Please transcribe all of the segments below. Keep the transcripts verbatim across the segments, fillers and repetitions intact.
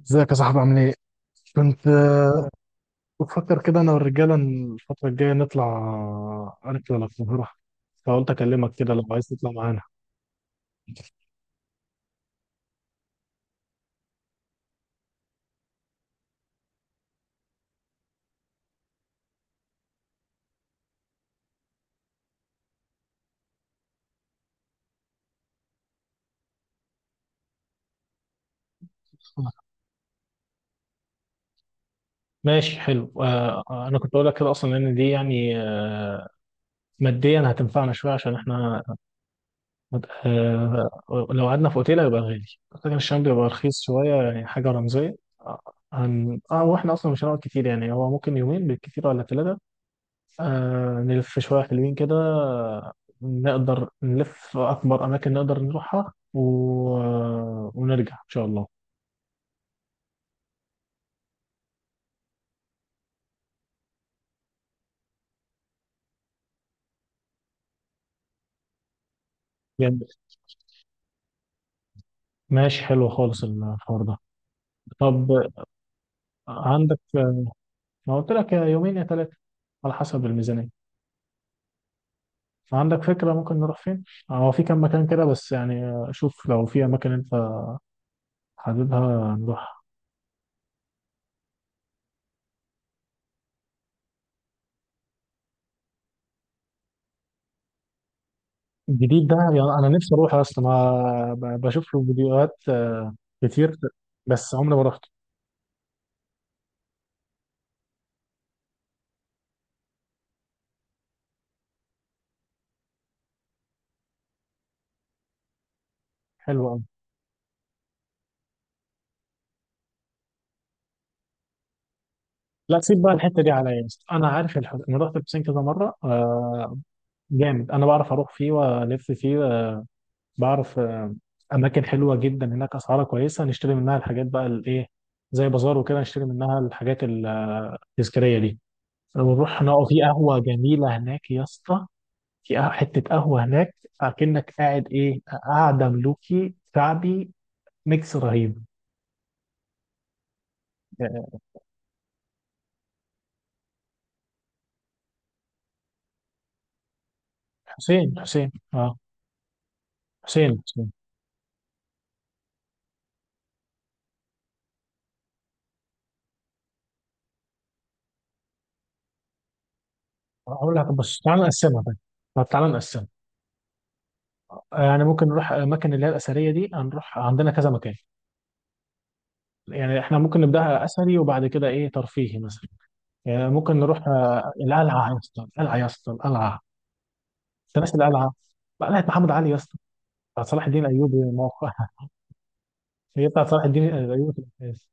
ازيك يا صاحبي عامل ايه؟ كنت آه، بفكر كده انا والرجاله إن الفتره الجايه نطلع آه، رحله للقاهره. فقلت اكلمك كده لو عايز تطلع معانا. ماشي حلو. آه آه، انا كنت اقول لك كده اصلا، لان دي يعني آه ماديا هتنفعنا شويه عشان احنا. آه لو قعدنا في اوتيل هيبقى غالي، لكن الشام بيبقى رخيص شويه، يعني حاجه رمزيه. آه، هن... اه واحنا اصلا مش هنقعد كتير، يعني هو ممكن يومين بالكتير ولا ثلاثه. آه نلف شوية حلوين كده، نقدر نلف أكبر أماكن نقدر نروحها و... آه، ونرجع إن شاء الله. جميل. ماشي حلو خالص الحوار ده. طب، عندك، ما قلت لك يا يومين يا ثلاثة، على حسب الميزانية. عندك فكرة ممكن نروح فين؟ هو في كام مكان كده، بس يعني شوف لو في أماكن أنت حاببها نروح. الجديد ده يعني أنا نفسي أروح أصلا، ما ب- بشوف له فيديوهات آه، كتير بس عمري ما رحت. حلو أوي. لا، سيب بقى الحته دي عليا يا اسطى. انا عارف الح... انا رحت البسين كذا مره. آه جامد، انا بعرف اروح فيه والف فيه. آه بعرف. آه اماكن حلوه جدا هناك، اسعارها كويسه، نشتري منها الحاجات بقى الايه، زي بازار وكده نشتري منها الحاجات التذكاريه دي، ونروح نقعد في قهوه جميله هناك يا اسطى. في قه- حته قهوه هناك، اكنك قاعد ايه، قاعده ملوكي شعبي، ميكس رهيب. آه، حسين حسين، اه، حسين حسين. اقول لك، بص، تعالى نقسمها بقى. طب تعالى نقسمها. يعني ممكن نروح الاماكن اللي هي الاثريه دي، هنروح عندنا كذا مكان. يعني احنا ممكن نبداها اثري وبعد كده ايه ترفيهي مثلا. يعني ممكن نروح آه، القلعه يا اسطى، القلعه يا اسطى، القلعه. انت ناسي القلعه؟ قلعه محمد علي يا اسطى، بتاعت صلاح الدين الايوبي موقعها. هي بتاعت صلاح الدين الايوبي في الاساس.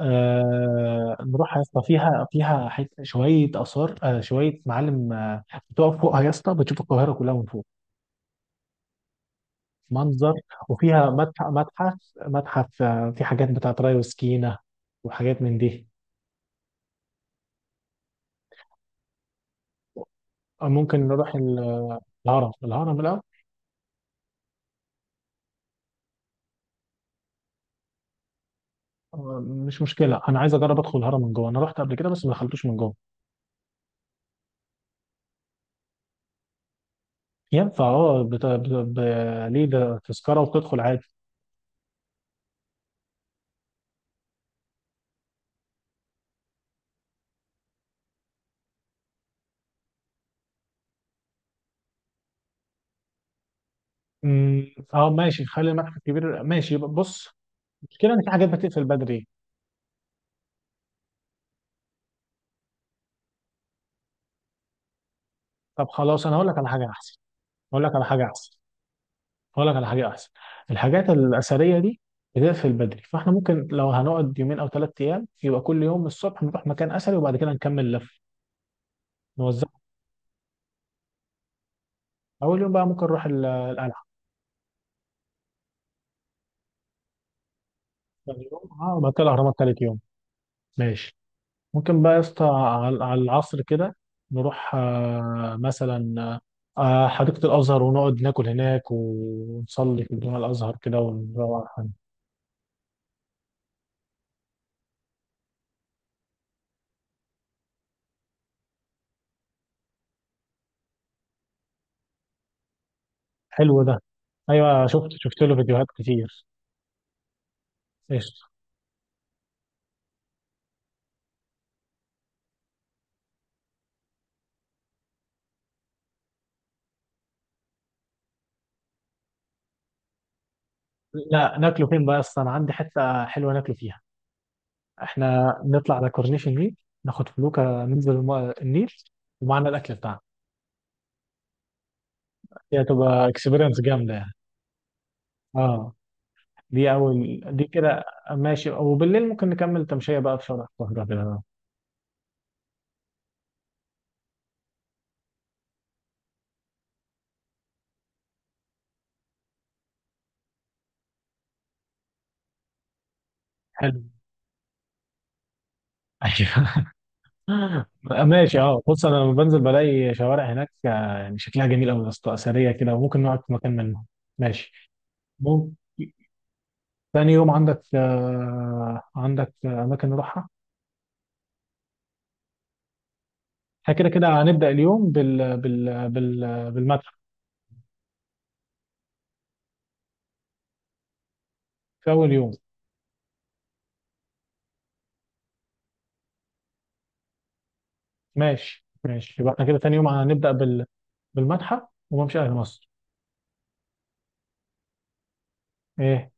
آه نروح يا اسطى، فيها فيها حت- شويه اثار، آه شويه معالم. آه بتقف فوقها يا اسطى، بتشوف القاهره كلها من فوق. منظر. وفيها متحف، متحف، متحف. آه، في حاجات بتاعت ري وسكينة، وحاجات من دي. آه، ممكن نروح ال- الهرم. الهرم، لا. آه، مش مشكلة، أنا عايز أجرب أدخل الهرم من جوه، أنا رحت قبل كده بس ما دخلتوش من جوه. ينفع، أه. بت- ب- ب- ليه، ده تذكرة وتدخل عادي. أمم، أه ماشي، خلي المتحف الكبير ماشي. بص، المشكلة إن في حاجات بتقفل بدري. طب خلاص أنا هقول لك على حاجة أحسن. هقول لك على حاجة أحسن. هقول لك على حاجه احسن. الحاجات الاثريه دي بتقفل بدري، فاحنا ممكن لو هنقعد يومين او ثلاث ايام يبقى كل يوم الصبح نروح مكان اثري وبعد كده نكمل لف. نوزع. اول يوم بقى ممكن نروح ال- القلعه. ثاني يوم، اه وبعد كده الاهرامات ثالث يوم. ماشي. ممكن بقى يا اسطى على على العصر كده نروح آه، مثلا آه، حديقه الازهر، ونقعد ناكل هناك ونصلي في الجامع الازهر كده، ونروح. حلو ده. ايوه، شفت شفت له فيديوهات كتير. لا، ناكله فين بقى؟ اصلا انا عندي حته حلوه ناكله فيها. احنا نطلع على كورنيش النيل، ناخد فلوكه ننزل الم- النيل ومعنا الاكل بتاعنا. دي هتبقى اكسبيرينس جامده يعني. اه، دي اول، دي كده. ماشي. وبالليل ممكن نكمل تمشيه بقى في شارع القاهره كده. حلو. ايوه. ماشي، اه، بص، انا لما بنزل بلاقي شوارع هناك آه، يعني شكلها جميل قوي يا اسطى، اثريه كده، وممكن نقعد في مكان منهم. ماشي. ممكن. تاني يوم، عندك آه، عندك اماكن نروحها. احنا كده كده هنبدأ اليوم بال... بال... بال... بالمتحف. في أول يوم. ماشي. ماشي، يبقى احنا كده تاني يوم هنبدأ بال... بالمتحف وممشى أهل مصر. إيه؟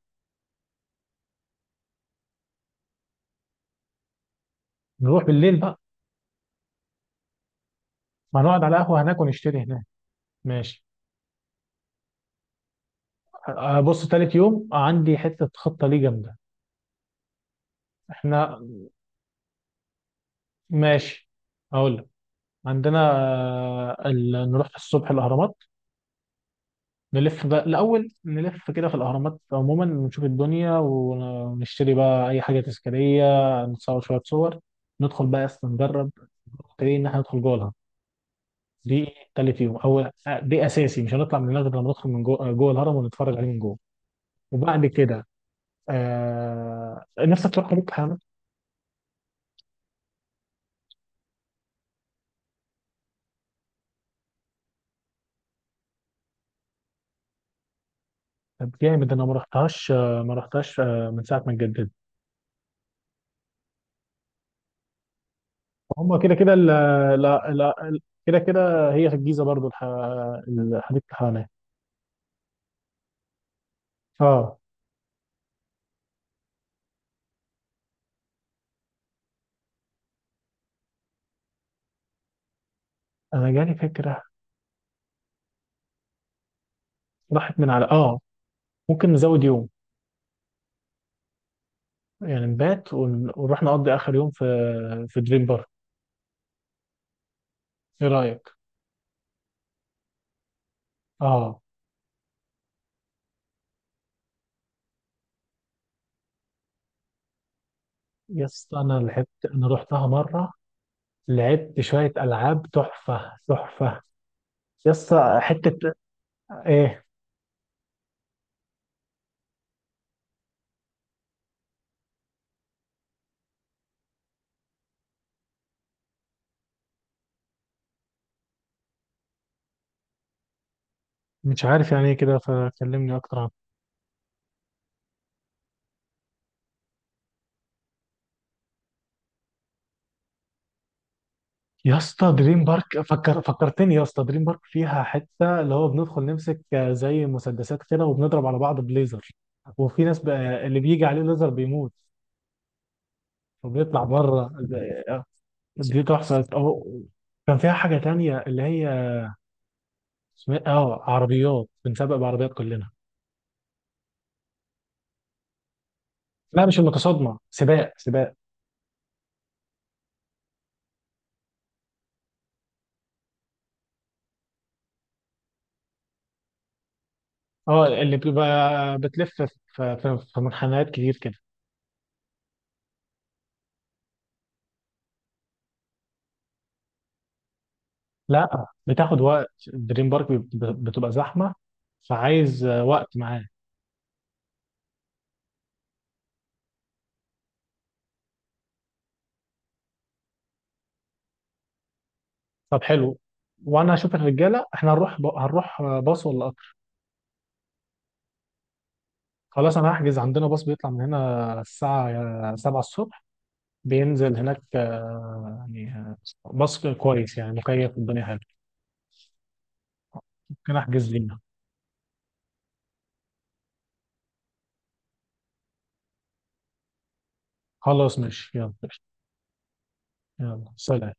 نروح بالليل بقى. ما نقعد على قهوة هناك ونشتري هناك. ماشي. أه، بص، تالت يوم عندي حتة خطة ليه جامدة. احنا. ماشي، أقول لك. عندنا آه، ال... نروح الصبح الأهرامات. نلف بقى الأول، نلف كده في الأهرامات عموما، نشوف الدنيا ونشتري بقى أي حاجة تذكارية. نتصور شوية صور. ندخل بقى أصلا نجرب. نبتدي إن إحنا ندخل جوه الهرم. دي تالت يوم، أو دي أساسي، مش هنطلع من هناك غير لما ندخل من جوه, جوه الهرم ونتفرج عليه من جوه. وبعد كده آه... نفسك تروح حديقة الحيوانات؟ طب جامد، أنا ما رحتهاش آه، ما رحتهاش آه، من ساعة ما اتجددت. هما كده كده ال- لا، لا، كده كده هي في الجيزة برضو. الح... حديقة الحيوانات. اه. انا جالي فكره. راحت من على. اه ممكن نزود يوم. يعني نبات ون- ونروح نقضي اخر يوم في في دريم بارك. ايه رايك؟ اه، يا اسطى انا لعبت، انا رحتها مره، لعبت شويه العاب، تحفه تحفه يا اسطى. حته ايه؟ مش عارف يعني ايه كده، فكلمني اكتر عنها. يا اسطى، دريم بارك فكر فكرتني، يا اسطى، دريم بارك فيها حته اللي هو بندخل نمسك زي مسدسات كده وبنضرب على بعض بليزر، وفي ناس بقى اللي بيجي عليه ليزر بيموت وبيطلع بره. دي تحفه. أو كان فيها حاجه تانية اللي هي اسمها- إيه؟ اه، عربيات بنسابق بعربيات كلنا. لا، مش المتصادمه، سباق سباق. اه، اللي بتبقى بتلف في في في منحنيات كتير كده. لا، بتاخد وقت، دريم بارك بيب- بتبقى زحمه، فعايز آه، وقت معاه. طب حلو. وانا هشوف الرجاله. احنا هنروح ب... هنروح آه، باص ولا قطر؟ خلاص، انا هحجز عندنا باص بيطلع من هنا الساعه سبعه الصبح، بينزل هناك، آه، يعني آه، بس كويس يعني، مكيف، الدنيا حلوه. ممكن احجز لينا. خلاص ماشي، يلا. يلا سلام.